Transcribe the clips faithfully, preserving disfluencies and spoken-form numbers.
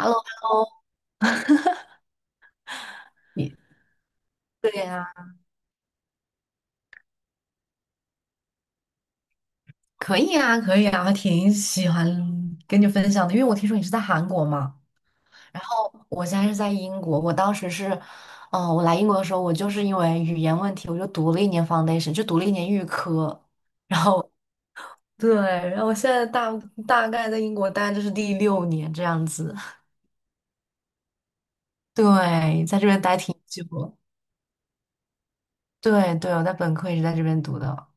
Hello，Hello，你对呀、可以啊，可以啊，还挺喜欢跟你分享的，因为我听说你是在韩国嘛，然后我现在是在英国，我当时是，嗯、我来英国的时候，我就是因为语言问题，我就读了一年 foundation，就读了一年预科，然后对，然后我现在大大概在英国待就是第六年这样子，对，在这边待挺久了，对对，我在本科也是在这边读的，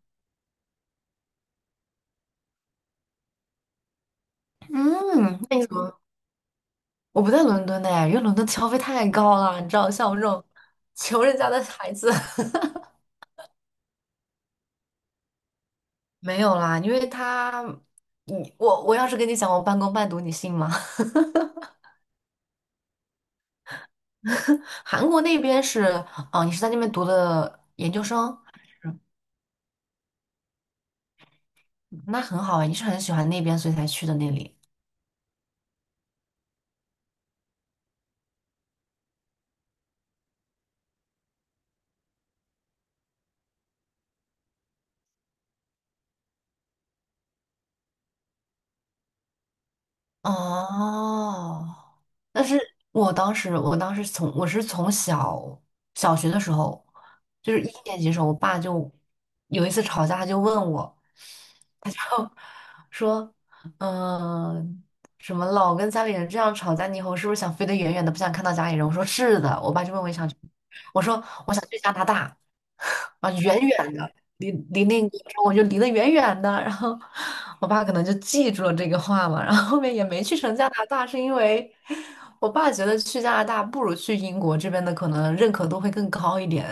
嗯，那你怎么？我不在伦敦的哎，因为伦敦消费太高了，你知道，像我这种穷人家的孩子，没有啦，因为他，你我我要是跟你讲我半工半读，你信吗？韩国那边是，哦，你是在那边读的研究生，还是嗯那很好啊，你是很喜欢那边所以才去的那里。哦，但是我当时，我当时从我是从小小学的时候，就是一年级的时候，我爸就有一次吵架，他就问我。说，嗯，什么老跟家里人这样吵架，你以后是不是想飞得远远的，不想看到家里人？我说是的，我爸就问我想去，我说我想去加拿大，啊，远远的，离离那个，我就离得远远的。然后我爸可能就记住了这个话嘛，然后后面也没去成加拿大，是因为我爸觉得去加拿大不如去英国这边的可能认可度会更高一点。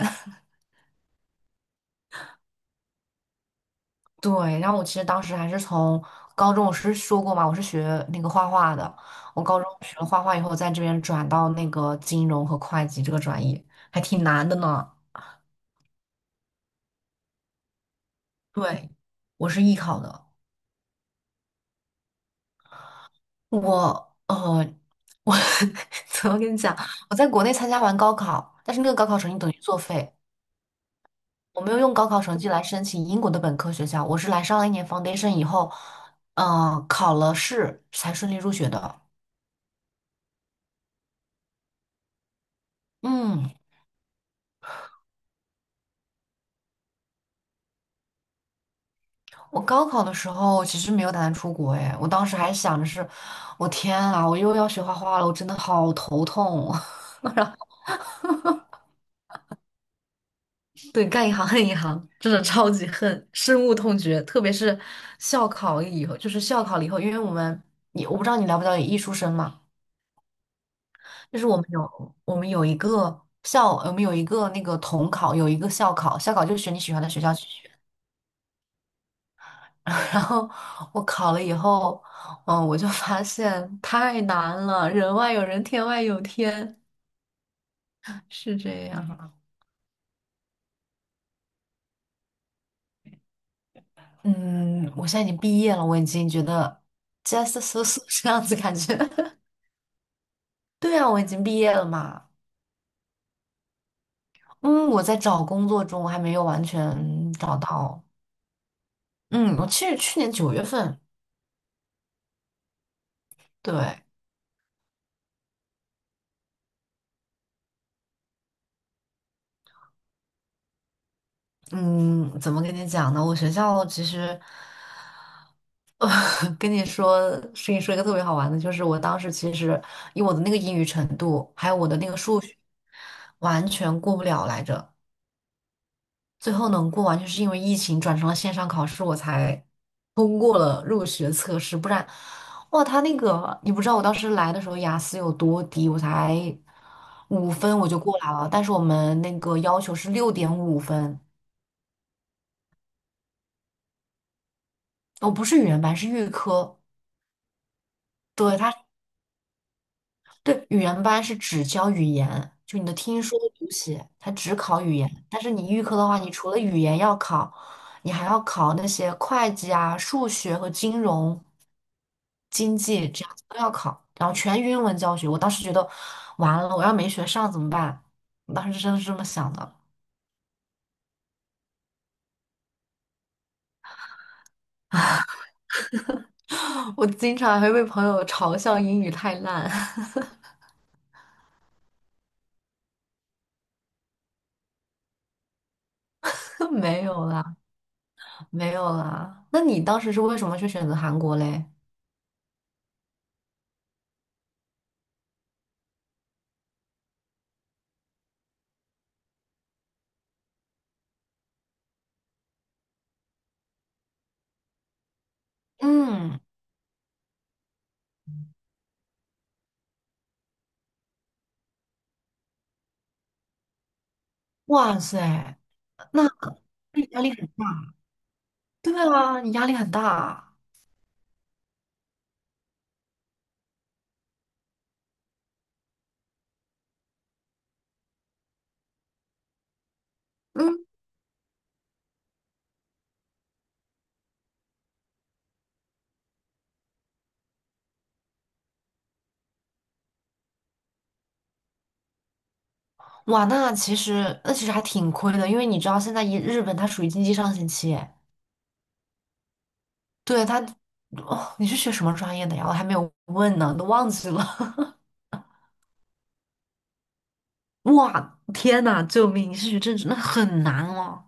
对，然后我其实当时还是从高中，我是说过嘛，我是学那个画画的。我高中学了画画以后，在这边转到那个金融和会计这个专业，还挺难的呢。对，我是艺考的。我呃，我 怎么跟你讲？我在国内参加完高考，但是那个高考成绩等于作废，我没有用高考成绩来申请英国的本科学校，我是来上了一年 foundation 以后，嗯、考了试才顺利入学的。嗯。我高考的时候，我其实没有打算出国哎，我当时还想着是，我天啊，我又要学画画了，我真的好头痛。对，干一行恨一行，真的超级恨，深恶痛绝。特别是校考以后，就是校考了以后，因为我们，你我不知道你了不了解艺术生嘛，就是我们有我们有一个校，我们有一个那个统考，有一个校考，校考就是选你喜欢的学校去学。然后我考了以后，嗯，我就发现太难了，人外有人，天外有天。是这样啊。嗯，我现在已经毕业了，我已经觉得 just so so 这样子感觉。对啊，我已经毕业了嘛。嗯，我在找工作中，我还没有完全找到。嗯，我其实去年九月份，对，嗯，怎么跟你讲呢？我学校其实，呃，跟你说，跟你说一个特别好玩的，就是我当时其实以我的那个英语程度，还有我的那个数学，完全过不了来着。最后能过完，就是因为疫情转成了线上考试，我才通过了入学测试。不然，哇，他那个你不知道，我当时来的时候雅思有多低，我才五分我就过来了。但是我们那个要求是六点五分，我不是语言班，是预科。对他。对，语言班是只教语言，就你的听说读写，它只考语言。但是你预科的话，你除了语言要考，你还要考那些会计啊、数学和金融、经济这样子都要考，然后全英文教学。我当时觉得完了，我要没学上怎么办？我当时真的是这么想的。我经常还会被朋友嘲笑英语太烂，没有啦，没有啦。那你当时是为什么去选择韩国嘞？嗯，哇塞！那压力很，对啊，你压力很大。嗯，哇，那其实那其实还挺亏的，因为你知道现在一日本它属于经济上行期，对它，哦，你是学什么专业的呀？我还没有问呢，都忘记了。哇，天呐，救命！你是学政治，那很难哦。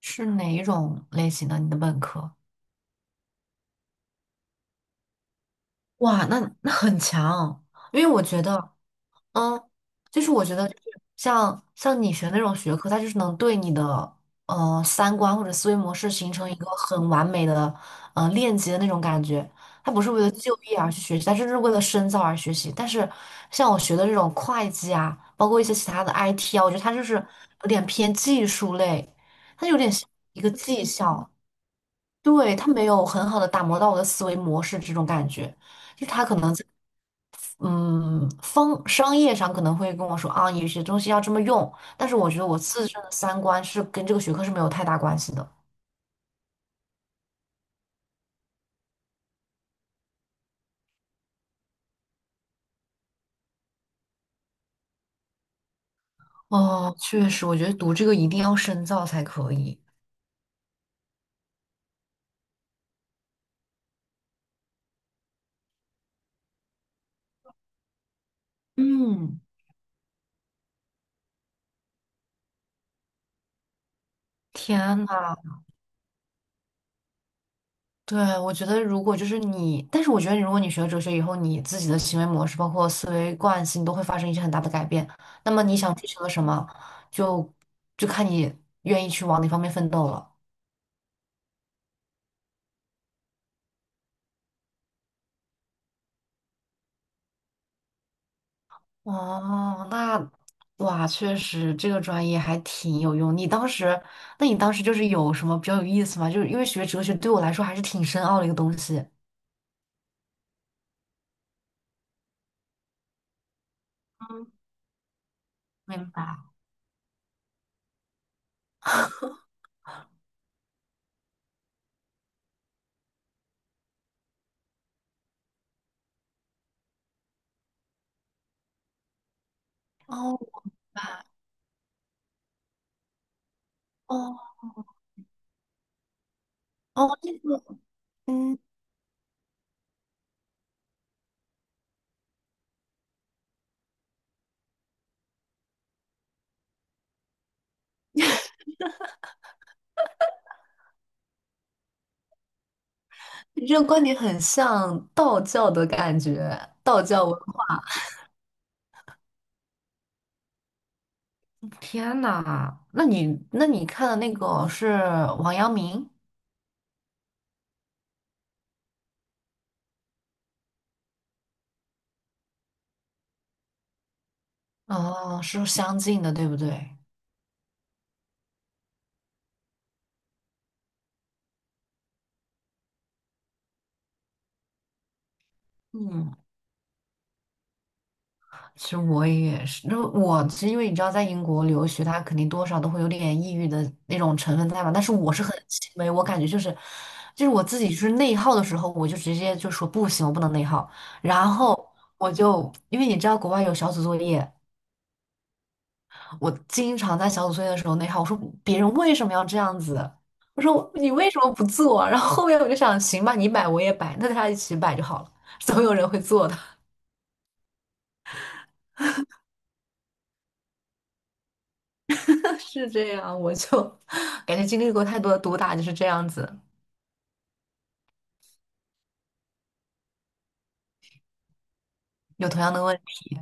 是哪一种类型的？你的本科？哇，那那很强，因为我觉得。嗯，就是我觉得就是像像你学那种学科，它就是能对你的呃三观或者思维模式形成一个很完美的呃链接的那种感觉。它不是为了就业而去学习，它就是为了深造而学习。但是像我学的这种会计啊，包括一些其他的 I T 啊，我觉得它就是有点偏技术类，它有点像一个技校，对，它没有很好的打磨到我的思维模式这种感觉。就是他可能嗯，方商业上可能会跟我说啊，有些东西要这么用，但是我觉得我自身的三观是跟这个学科是没有太大关系的。哦，确实，我觉得读这个一定要深造才可以。嗯，天呐，对，我觉得如果就是你，但是我觉得如果你学了哲学以后，你自己的行为模式，包括思维惯性，都会发生一些很大的改变。那么你想追求的什么，就就看你愿意去往哪方面奋斗了。哦，那哇，确实这个专业还挺有用。你当时，那你当时就是有什么比较有意思吗？就是因为学哲学对我来说还是挺深奥的一个东西。嗯，明白。哦哦哦，这个嗯，你这个观点很像道教的感觉，道教文化。天呐，那你那你看的那个是王阳明？哦，是相近的，对不对？嗯。其实我也是，那我是因为你知道，在英国留学，他肯定多少都会有点抑郁的那种成分在嘛。但是我是很轻微，我感觉就是，就是我自己就是内耗的时候，我就直接就说不行，我不能内耗。然后我就因为你知道国外有小组作业，我经常在小组作业的时候内耗，我说别人为什么要这样子？我说你为什么不做？然后后面我就想，行吧，你摆我也摆，那大家一起摆就好了，总有人会做的。是这样，我就 感觉经历过太多的毒打，就是这样子，有同样的问题。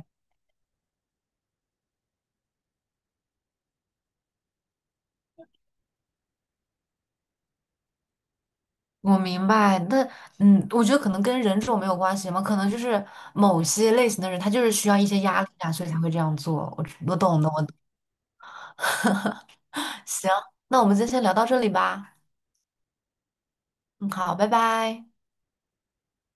我明白，那嗯，我觉得可能跟人种没有关系嘛，可能就是某些类型的人，他就是需要一些压力啊，所以才会这样做。我我懂的，我懂行，那我们今天先聊到这里吧。嗯，好，拜拜。